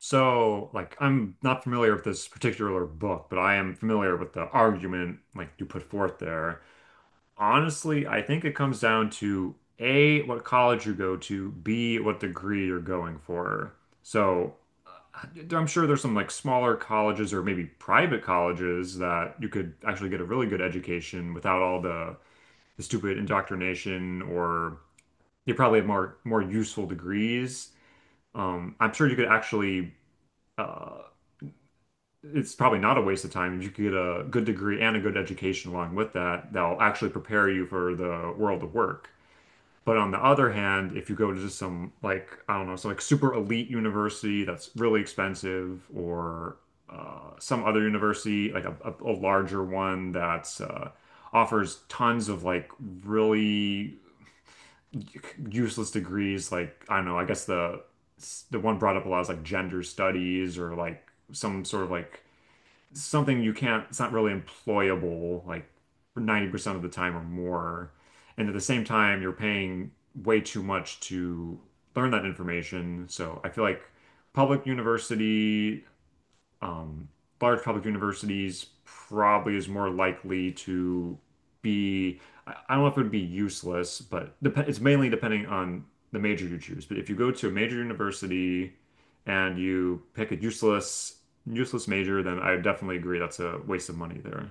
So, like, I'm not familiar with this particular book, but I am familiar with the argument like you put forth there. Honestly, I think it comes down to A, what college you go to, B, what degree you're going for. So, uh, I'm sure there's some like smaller colleges or maybe private colleges that you could actually get a really good education without all the stupid indoctrination, or you probably have more useful degrees. I'm sure you could actually. Uh, it's probably not a waste of time. You could get a good degree and a good education along with that that'll actually prepare you for the world of work. But on the other hand, if you go to just some like I don't know, some like super elite university that's really expensive, or some other university like a larger one that's offers tons of like really useless degrees, like I don't know, I guess the one brought up a lot is like gender studies or like some sort of like something you can't, it's not really employable like for 90% of the time or more. And at the same time, you're paying way too much to learn that information. So I feel like public university um, large public universities probably is more likely to be, I don't know if it would be useless, but dep it's mainly depending on the major you choose. But if you go to a major university and you pick a useless major, then I definitely agree that's a waste of money there.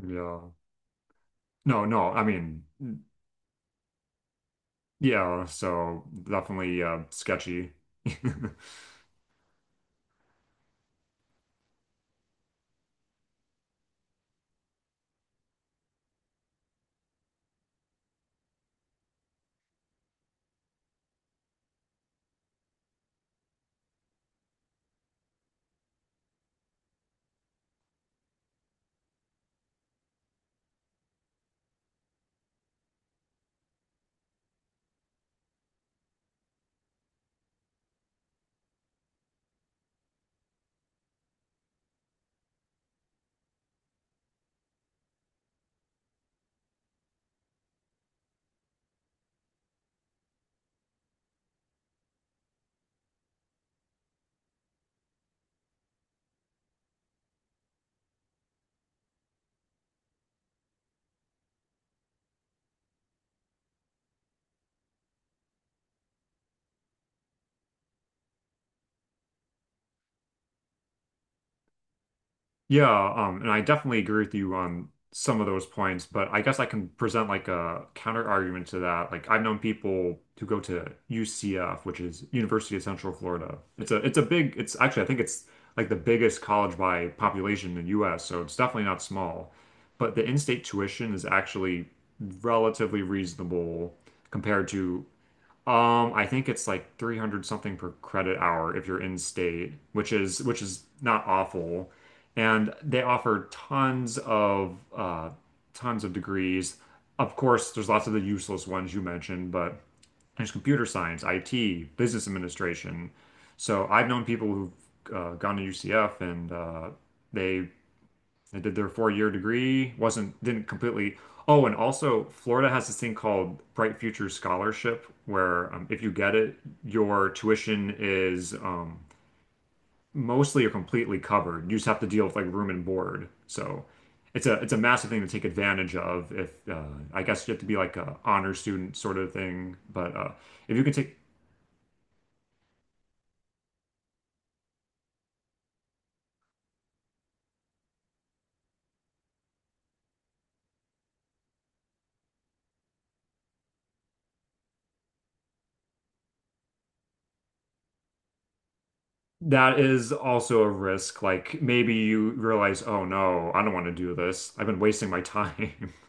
Yeah. No, no, I mean, yeah, so definitely sketchy. Yeah, and I definitely agree with you on some of those points, but I guess I can present like a counter argument to that. Like I've known people who go to UCF, which is University of Central Florida. It's a big it's actually I think it's like the biggest college by population in the US, so it's definitely not small. But the in-state tuition is actually relatively reasonable compared to I think it's like 300 something per credit hour if you're in state, which is not awful. And they offer tons of degrees. Of course, there's lots of the useless ones you mentioned, but there's computer science, IT, business administration. So I've known people who've gone to UCF and they did their four-year degree, wasn't didn't completely. Oh, and also Florida has this thing called Bright Futures Scholarship, where if you get it, your tuition is mostly or completely covered. You just have to deal with like room and board. So it's a massive thing to take advantage of. If I guess you have to be like a honor student sort of thing, but if you can take that is also a risk. Like maybe you realize, oh no, I don't want to do this. I've been wasting my time.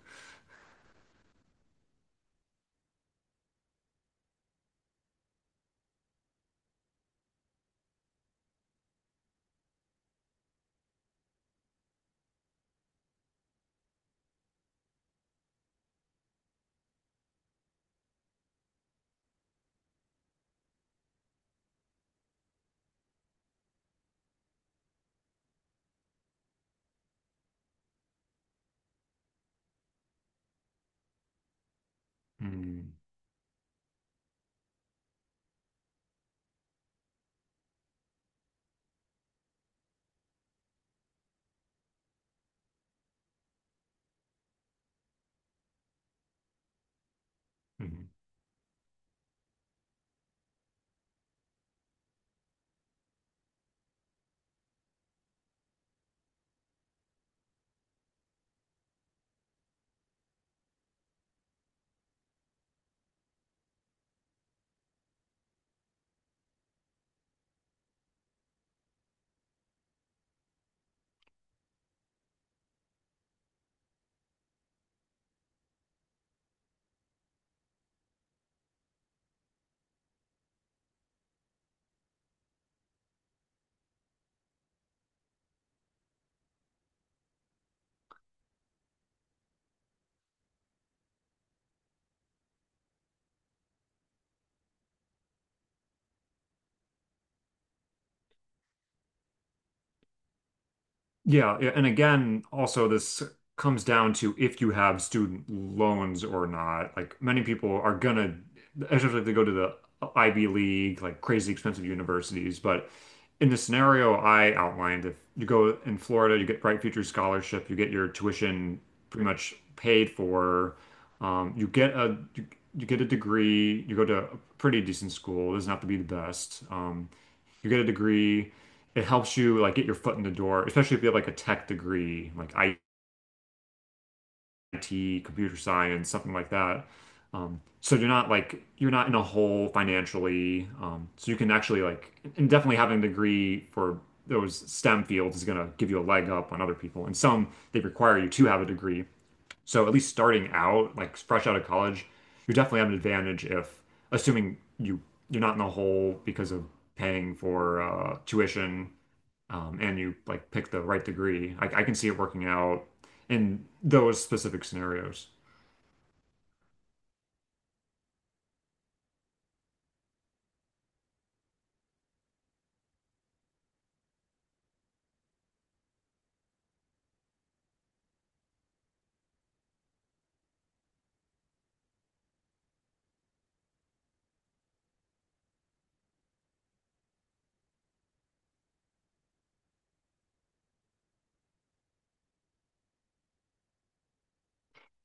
Mm, mhm. Yeah, yeah, and again, also this comes down to if you have student loans or not. Like many people are gonna, especially if they go to the Ivy League, like crazy expensive universities. But in the scenario I outlined, if you go in Florida, you get Bright Futures Scholarship, you get your tuition pretty much paid for. You get you get a degree. You go to a pretty decent school. It doesn't have to be the best. You get a degree it helps you like get your foot in the door, especially if you have like a tech degree, like IT, computer science, something like that. So you're not in a hole financially. So you can actually like and definitely having a degree for those STEM fields is gonna give you a leg up on other people. And some they require you to have a degree. So at least starting out, like fresh out of college, you definitely have an advantage if assuming you're not in a hole because of paying for tuition and you like pick the right degree, I can see it working out in those specific scenarios.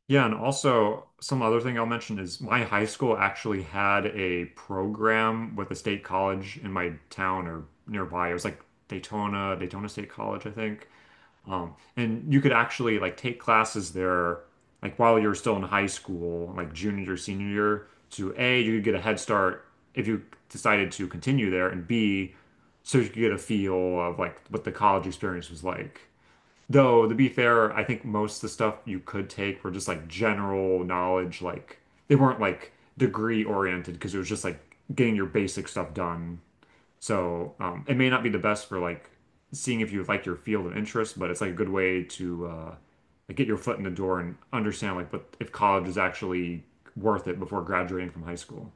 Yeah, and also some other thing I'll mention is my high school actually had a program with a state college in my town or nearby. It was like Daytona State College, I think. And you could actually like take classes there, like while you're still in high school, like junior, senior year, to A, you could get a head start if you decided to continue there, and B, so you could get a feel of like what the college experience was like. Though, to be fair, I think most of the stuff you could take were just like general knowledge, like they weren't like degree oriented because it was just like getting your basic stuff done. So it may not be the best for like seeing if you like your field of interest, but it's like a good way to like get your foot in the door and understand like what if college is actually worth it before graduating from high school.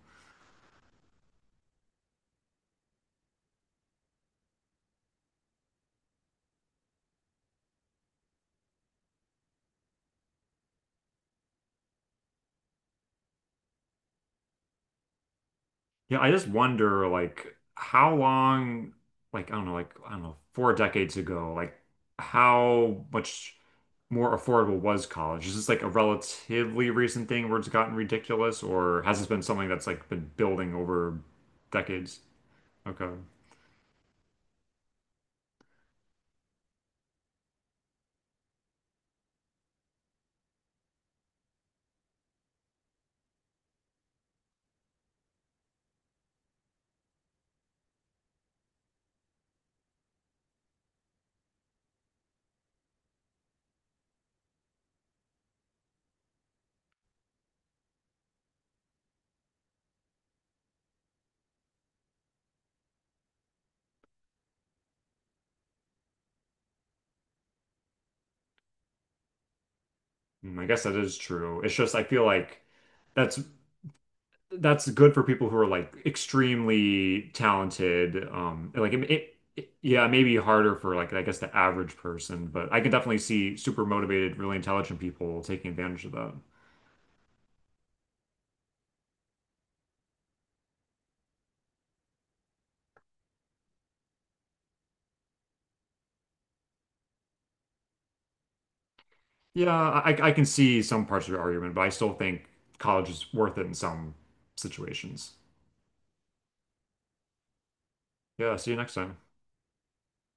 Yeah, I just wonder like how long, like I don't know, like I don't know, four decades ago, like how much more affordable was college? Is this like a relatively recent thing where it's gotten ridiculous, or has this been something that's like been building over decades? Okay. Mm, I guess that is true. It's just I feel like that's that's good for people who are like extremely talented. Like yeah, maybe harder for like I guess the average person, but I can definitely see super motivated, really intelligent people taking advantage of that. Yeah, I can see some parts of your argument, but I still think college is worth it in some situations. Yeah, see you next time.